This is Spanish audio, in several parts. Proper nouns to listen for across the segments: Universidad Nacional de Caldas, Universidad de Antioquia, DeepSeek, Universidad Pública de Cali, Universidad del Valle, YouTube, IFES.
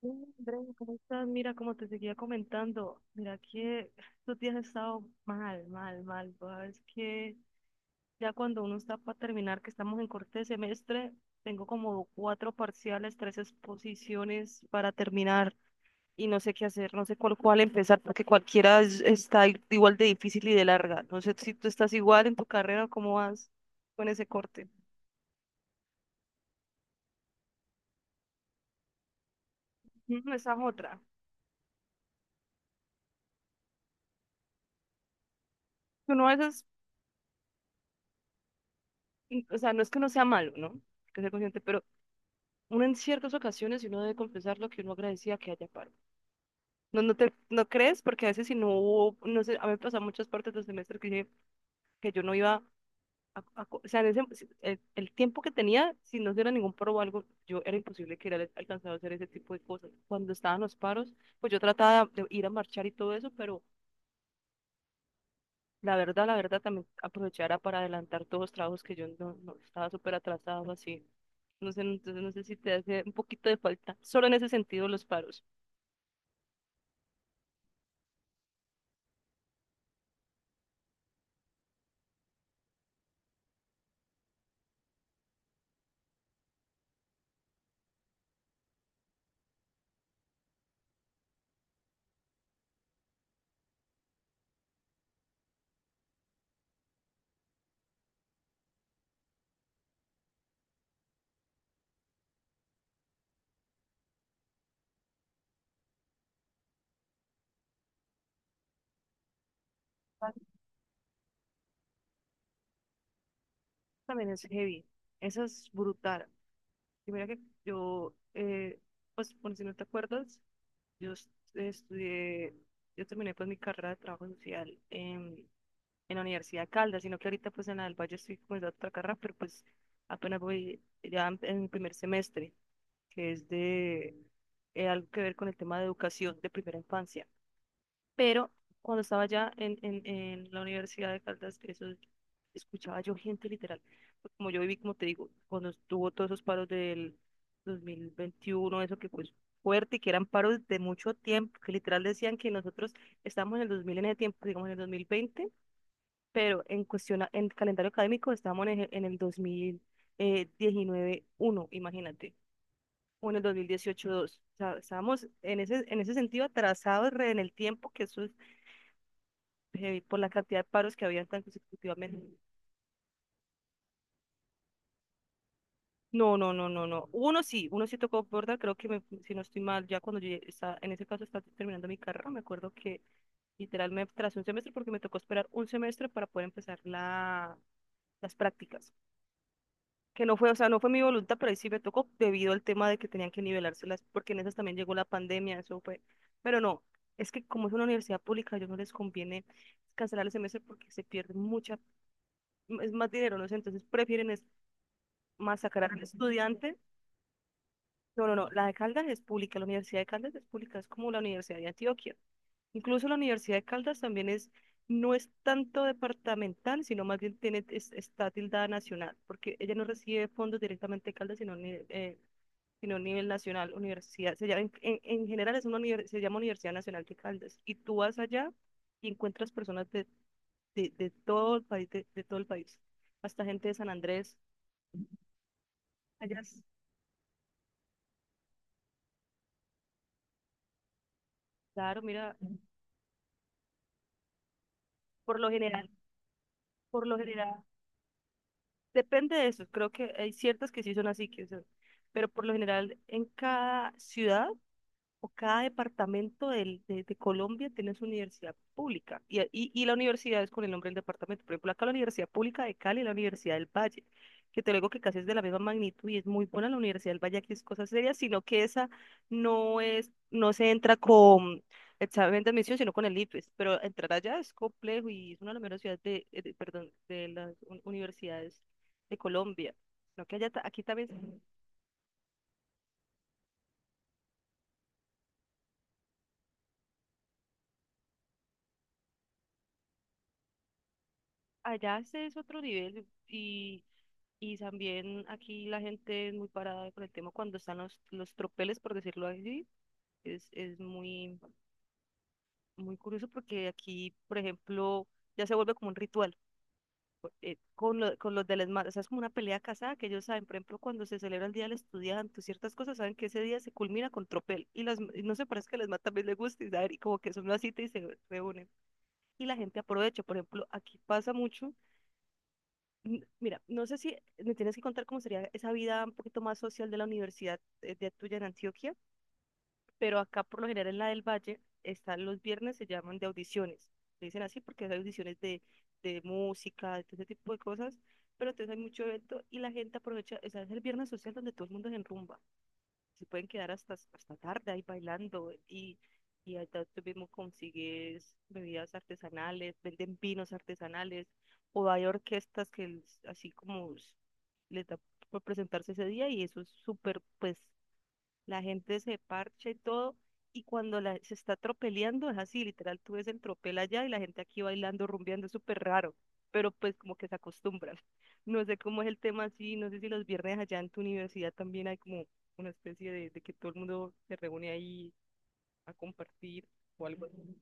Sí, Andrea, ¿cómo estás? Mira, como te seguía comentando, mira que estos días he estado mal, mal, mal. Es que ya cuando uno está para terminar, que estamos en corte de semestre, tengo como cuatro parciales, tres exposiciones para terminar y no sé qué hacer, no sé cuál empezar, porque cualquiera está igual de difícil y de larga. No sé si tú estás igual en tu carrera o cómo vas con ese corte. Ujú, esa es otra. Uno a veces, o sea, no es que no sea malo, ¿no? Hay que ser consciente, pero uno en ciertas ocasiones y uno debe confesar lo que uno agradecía que haya paro. No, no crees, porque a veces si no hubo, no sé, a mí me pasan muchas partes del semestre que, dije que yo no iba o sea, en ese, el tiempo que tenía, si no hubiera ningún paro o algo, yo era imposible que hubiera alcanzado a hacer ese tipo de cosas. Cuando estaban los paros, pues yo trataba de ir a marchar y todo eso, pero la verdad también aprovechara para adelantar todos los trabajos que yo no estaba súper atrasado así. No sé, entonces no sé si te hace un poquito de falta, solo en ese sentido los paros. También es heavy. Esa es brutal. Y mira que yo, pues por si no te acuerdas, estudié, yo terminé pues mi carrera de trabajo social en la Universidad de Caldas, sino que ahorita pues en la del Valle estoy comenzando otra carrera, pero pues apenas voy ya en mi primer semestre, que es de algo que ver con el tema de educación de primera infancia. Pero cuando estaba allá en la Universidad de Caldas, eso escuchaba yo gente literal. Pues como yo viví, como te digo, cuando estuvo todos esos paros del 2021 eso que fue fuerte y que eran paros de mucho tiempo, que literal decían que nosotros estábamos en el 2000 en ese tiempo, digamos en el 2020 pero en cuestión, en calendario académico estábamos en, en el dos mil diecinueve uno imagínate, o en el 2018-2. O sea, estábamos en ese sentido atrasados re en el tiempo, que eso heavy por la cantidad de paros que habían tan consecutivamente. No, no, no, no, no. Uno sí tocó borda, creo que si no estoy mal, ya cuando yo ya estaba, en ese caso estaba terminando mi carrera, me acuerdo que literal me tras un semestre porque me tocó esperar un semestre para poder empezar las prácticas. Que no fue, o sea, no fue mi voluntad, pero ahí sí me tocó debido al tema de que tenían que nivelárselas, porque en esas también llegó la pandemia, eso fue. Pero no, es que como es una universidad pública, a ellos no les conviene cancelar el semestre porque se pierde mucha, es más dinero, no sé, entonces prefieren es masacrar al estudiante. No, no, no, la de Caldas es pública, la Universidad de Caldas es pública, es como la Universidad de Antioquia. Incluso la Universidad de Caldas también es, no es tanto departamental, sino más bien tiene, está tildada nacional, porque ella no recibe fondos directamente de Caldas, sino, sino a nivel nacional, universidad. Se llama, en, en general es una se llama Universidad Nacional de Caldas, y tú vas allá y encuentras personas de, de todo el país, de todo el país, hasta gente de San Andrés. Allá, claro, mira, por lo general. Por lo general, depende de eso. Creo que hay ciertas que sí son así, que son, pero por lo general en cada ciudad o cada departamento de Colombia tiene su universidad pública y la universidad es con el nombre del departamento. Por ejemplo, acá la Universidad Pública de Cali y la Universidad del Valle, que te lo digo que casi es de la misma magnitud y es muy buena la Universidad del Valle, aquí es cosa seria, sino que esa no es, no se entra con examen de admisión, sino con el IFES, pero entrar allá es complejo y es una de las mejores ciudades de, perdón, de las universidades de Colombia. Lo que allá, aquí también, allá se es otro nivel y Y también aquí la gente es muy parada con el tema cuando están los tropeles, por decirlo así. Es muy, muy curioso porque aquí, por ejemplo, ya se vuelve como un ritual con, con los de las o sea, es como una pelea casada que ellos saben, por ejemplo, cuando se celebra el Día del Estudiante, ciertas cosas, saben que ese día se culmina con tropel. Y las, y no sé, parece que a las también les gusta y, saben, y como que son una cita y se reúnen. Y la gente aprovecha, por ejemplo, aquí pasa mucho mira, no sé si me tienes que contar cómo sería esa vida un poquito más social de la universidad de tuya en Antioquia, pero acá por lo general en la del Valle están los viernes, se llaman de audiciones. Le dicen así porque hay audiciones de música, de todo ese tipo de cosas, pero entonces hay mucho evento y la gente aprovecha, o sea, es el viernes social donde todo el mundo se enrumba se pueden quedar hasta, hasta tarde ahí bailando y allá tú mismo consigues bebidas artesanales, venden vinos artesanales o hay orquestas que así como les da por presentarse ese día y eso es súper, pues la gente se parcha y todo, y cuando la, se está tropeleando es así, literal, tú ves el tropel allá y la gente aquí bailando, rumbeando, es súper raro, pero pues como que se acostumbran. No sé cómo es el tema así, no sé si los viernes allá en tu universidad también hay como una especie de que todo el mundo se reúne ahí a compartir o algo así.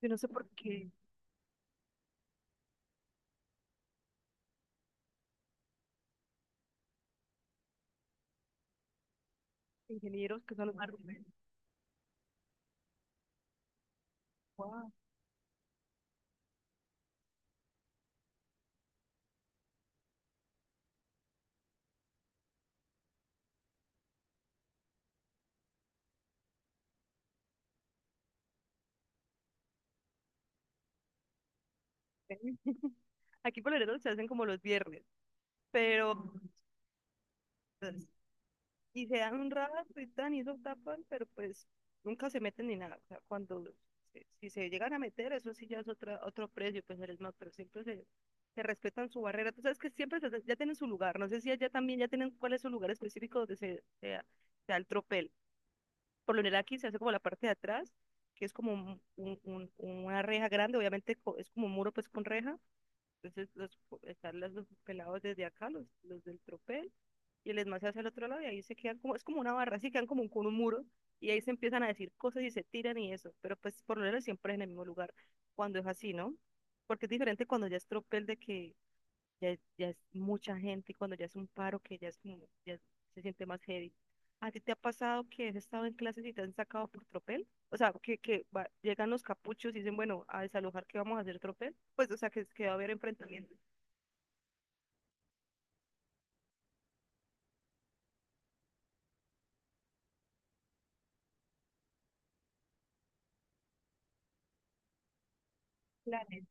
Yo no sé por qué ingenieros que son los más rumberos. Guau, aquí por lo general se hacen como los viernes, pero pues, y se dan un rato y tan, y eso tapan, pero pues nunca se meten ni nada. O sea, cuando si se llegan a meter, eso sí ya es otra, otro precio, pues eres más, pero siempre se, se respetan su barrera. Tú sabes que siempre ya tienen su lugar. No sé si allá también ya tienen cuál es su lugar específico donde se, se da el tropel. Por lo general aquí se hace como la parte de atrás, que es como una reja grande, obviamente es como un muro pues con reja entonces los, los pelados desde acá, los del tropel, y el esmalte hacia el otro lado, y ahí se quedan como, es como una barra, así quedan como con un muro, y ahí se empiezan a decir cosas y se tiran y eso, pero pues por lo menos siempre es en el mismo lugar, cuando es así, ¿no? Porque es diferente cuando ya es tropel de que ya es mucha gente y cuando ya es un paro que ya es como, ya es- se siente más heavy. ¿A ti te ha pasado que has estado en clases y te han sacado por tropel? O sea, que, llegan los capuchos y dicen, bueno, a desalojar, ¿qué vamos a hacer tropel? Pues, o sea, que va a haber enfrentamientos. Planes.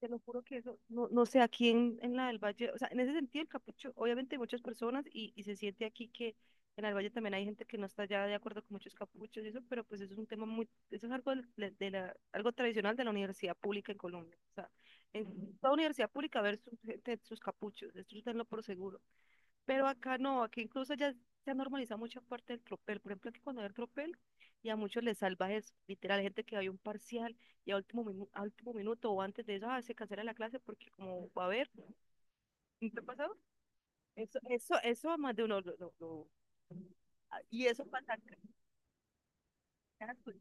Te lo juro que eso, no, no sé, aquí en la del Valle, o sea, en ese sentido el capucho, obviamente hay muchas personas y se siente aquí que en el Valle también hay gente que no está ya de acuerdo con muchos capuchos y eso, pero pues eso es un tema muy, eso es algo, de la, algo tradicional de la universidad pública en Colombia. O sea, en toda universidad pública ver su gente, sus capuchos, esto tenlo por seguro. Pero acá no, aquí incluso ya se ha normalizado mucha parte del tropel. Por ejemplo, aquí cuando hay el tropel, y a muchos les salva eso. Literal, hay gente que hay un parcial y a último, a último minuto o antes de eso, ah, se cancela la clase porque como va a haber, ¿no te ha pasado? Eso a más de uno y eso pasa acá. Ah, pues,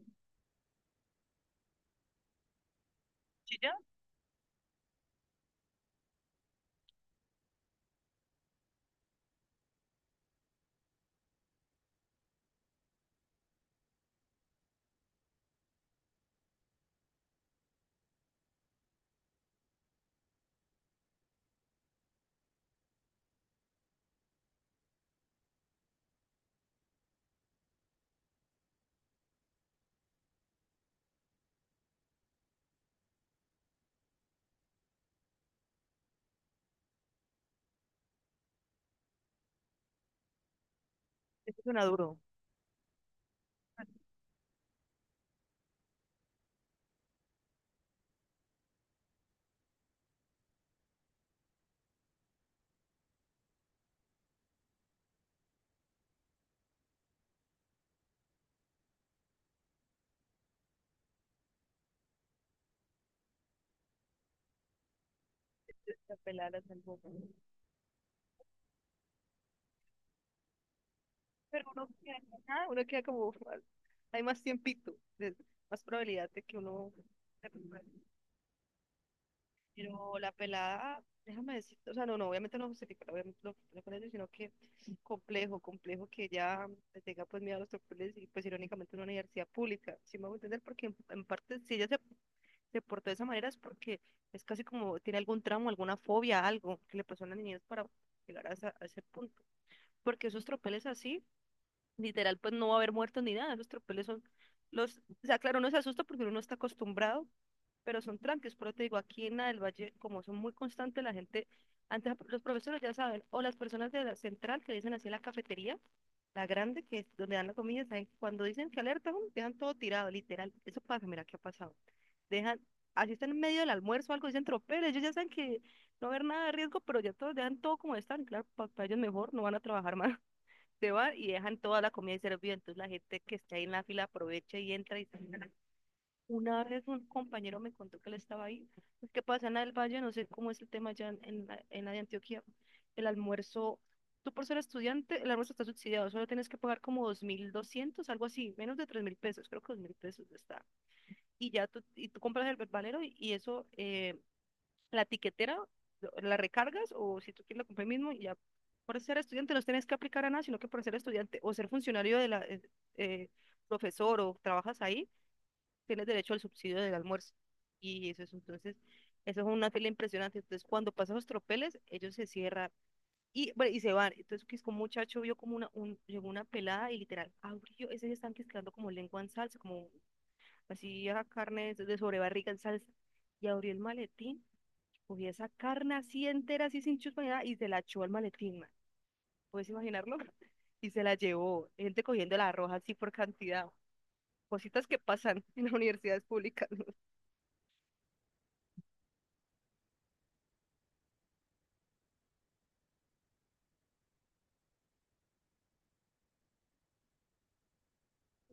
chilla, eso suena duro. La pelada la salvó. Pero uno queda, ah, uno queda como, hay más tiempito, de- más probabilidad de que uno... se recupere. Pero la pelada, déjame decir, o sea, no, no, obviamente no justifico con eso, sino que complejo, complejo que ella le tenga pues miedo a los doctores y pues irónicamente una universidad pública, si me voy a entender, porque en parte si se portó de esa manera es porque es casi como tiene algún tramo, alguna fobia, algo que le pasó a las niñez para llegar a ese punto. Porque esos tropeles así, literal, pues no va a haber muertos ni nada, esos tropeles son o sea, claro, uno se asusta porque uno no está acostumbrado, pero son tranques, pero te digo, aquí en la del Valle, como son muy constantes, la gente, antes los profesores ya saben, o las personas de la central que dicen así en la cafetería, la grande, que es donde dan la comida, saben, cuando dicen que alerta, ¡um! Dejan todo tirado, literal, eso pasa, mira qué ha pasado, dejan, así están en medio del almuerzo, o algo, dicen tropel, ellos ya saben que no va a haber nada de riesgo, pero ya todos dejan todo como están, y claro, para ellos mejor, no van a trabajar más. Se van y dejan toda la comida servida, entonces la gente que está ahí en la fila aprovecha y entra. Y una vez un compañero me contó que él estaba ahí. Es que pasa en el Valle, no sé cómo es el tema allá en la de Antioquia. El almuerzo, tú por ser estudiante, el almuerzo está subsidiado, solo tienes que pagar como 2.200 algo así, menos de 3.000 pesos, creo que 2.000 pesos está. Y ya tú, y tú compras el valero y eso, la tiquetera, la recargas o si tú quieres la compras mismo y ya. Por ser estudiante no tienes que aplicar a nada, sino que por ser estudiante o ser funcionario de la, eh, profesor o trabajas ahí, tienes derecho al subsidio del almuerzo. Y eso es entonces, eso es una fila impresionante. Entonces, cuando pasan los tropeles, ellos se cierran y, bueno, y se van. Entonces, que es como un muchacho vio como llegó una pelada y literal abrió, ese están quedando como lengua en salsa, como así a carne de sobrebarriga en salsa. Y abrió el maletín, cogía esa carne así entera, así sin chuspa ni nada, y se la echó al maletín, man. ¿Puedes imaginarlo? Y se la llevó, gente cogiendo la roja así por cantidad. Cositas que pasan en las universidades públicas.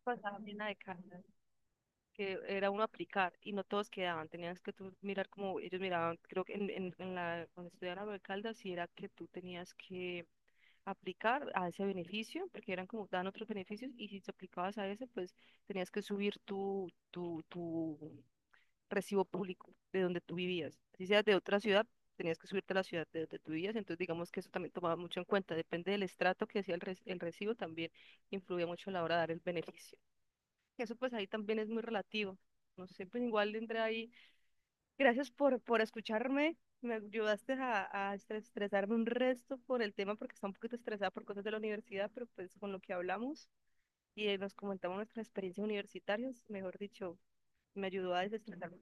Pasaba bien la de carne. Que era uno aplicar y no todos quedaban, tenías que tú mirar como ellos miraban, creo que cuando estudiaba en Caldas, si era que tú tenías que aplicar a ese beneficio, porque eran como, dan otros beneficios y si te aplicabas a ese, pues tenías que subir tu recibo público de donde tú vivías, si seas de otra ciudad. Tenías que subirte a la ciudad de donde tú vivías, entonces digamos que eso también tomaba mucho en cuenta, depende del estrato que hacía el recibo, también influía mucho a la hora de dar el beneficio. Eso pues ahí también es muy relativo. No sé, pues igual entré ahí. Gracias por escucharme. Me ayudaste a estresarme un resto por el tema, porque está un poquito estresada por cosas de la universidad, pero pues con lo que hablamos y nos comentamos nuestras experiencias universitarias, mejor dicho, me ayudó a desestresarme.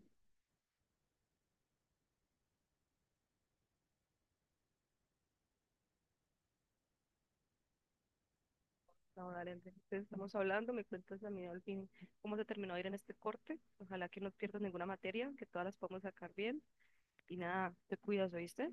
No, dale, Andrés, entonces estamos hablando, me cuentas a mí al fin cómo se terminó de ir en este corte. Ojalá que no pierdas ninguna materia, que todas las podamos sacar bien. Y nada, te cuidas, ¿oíste?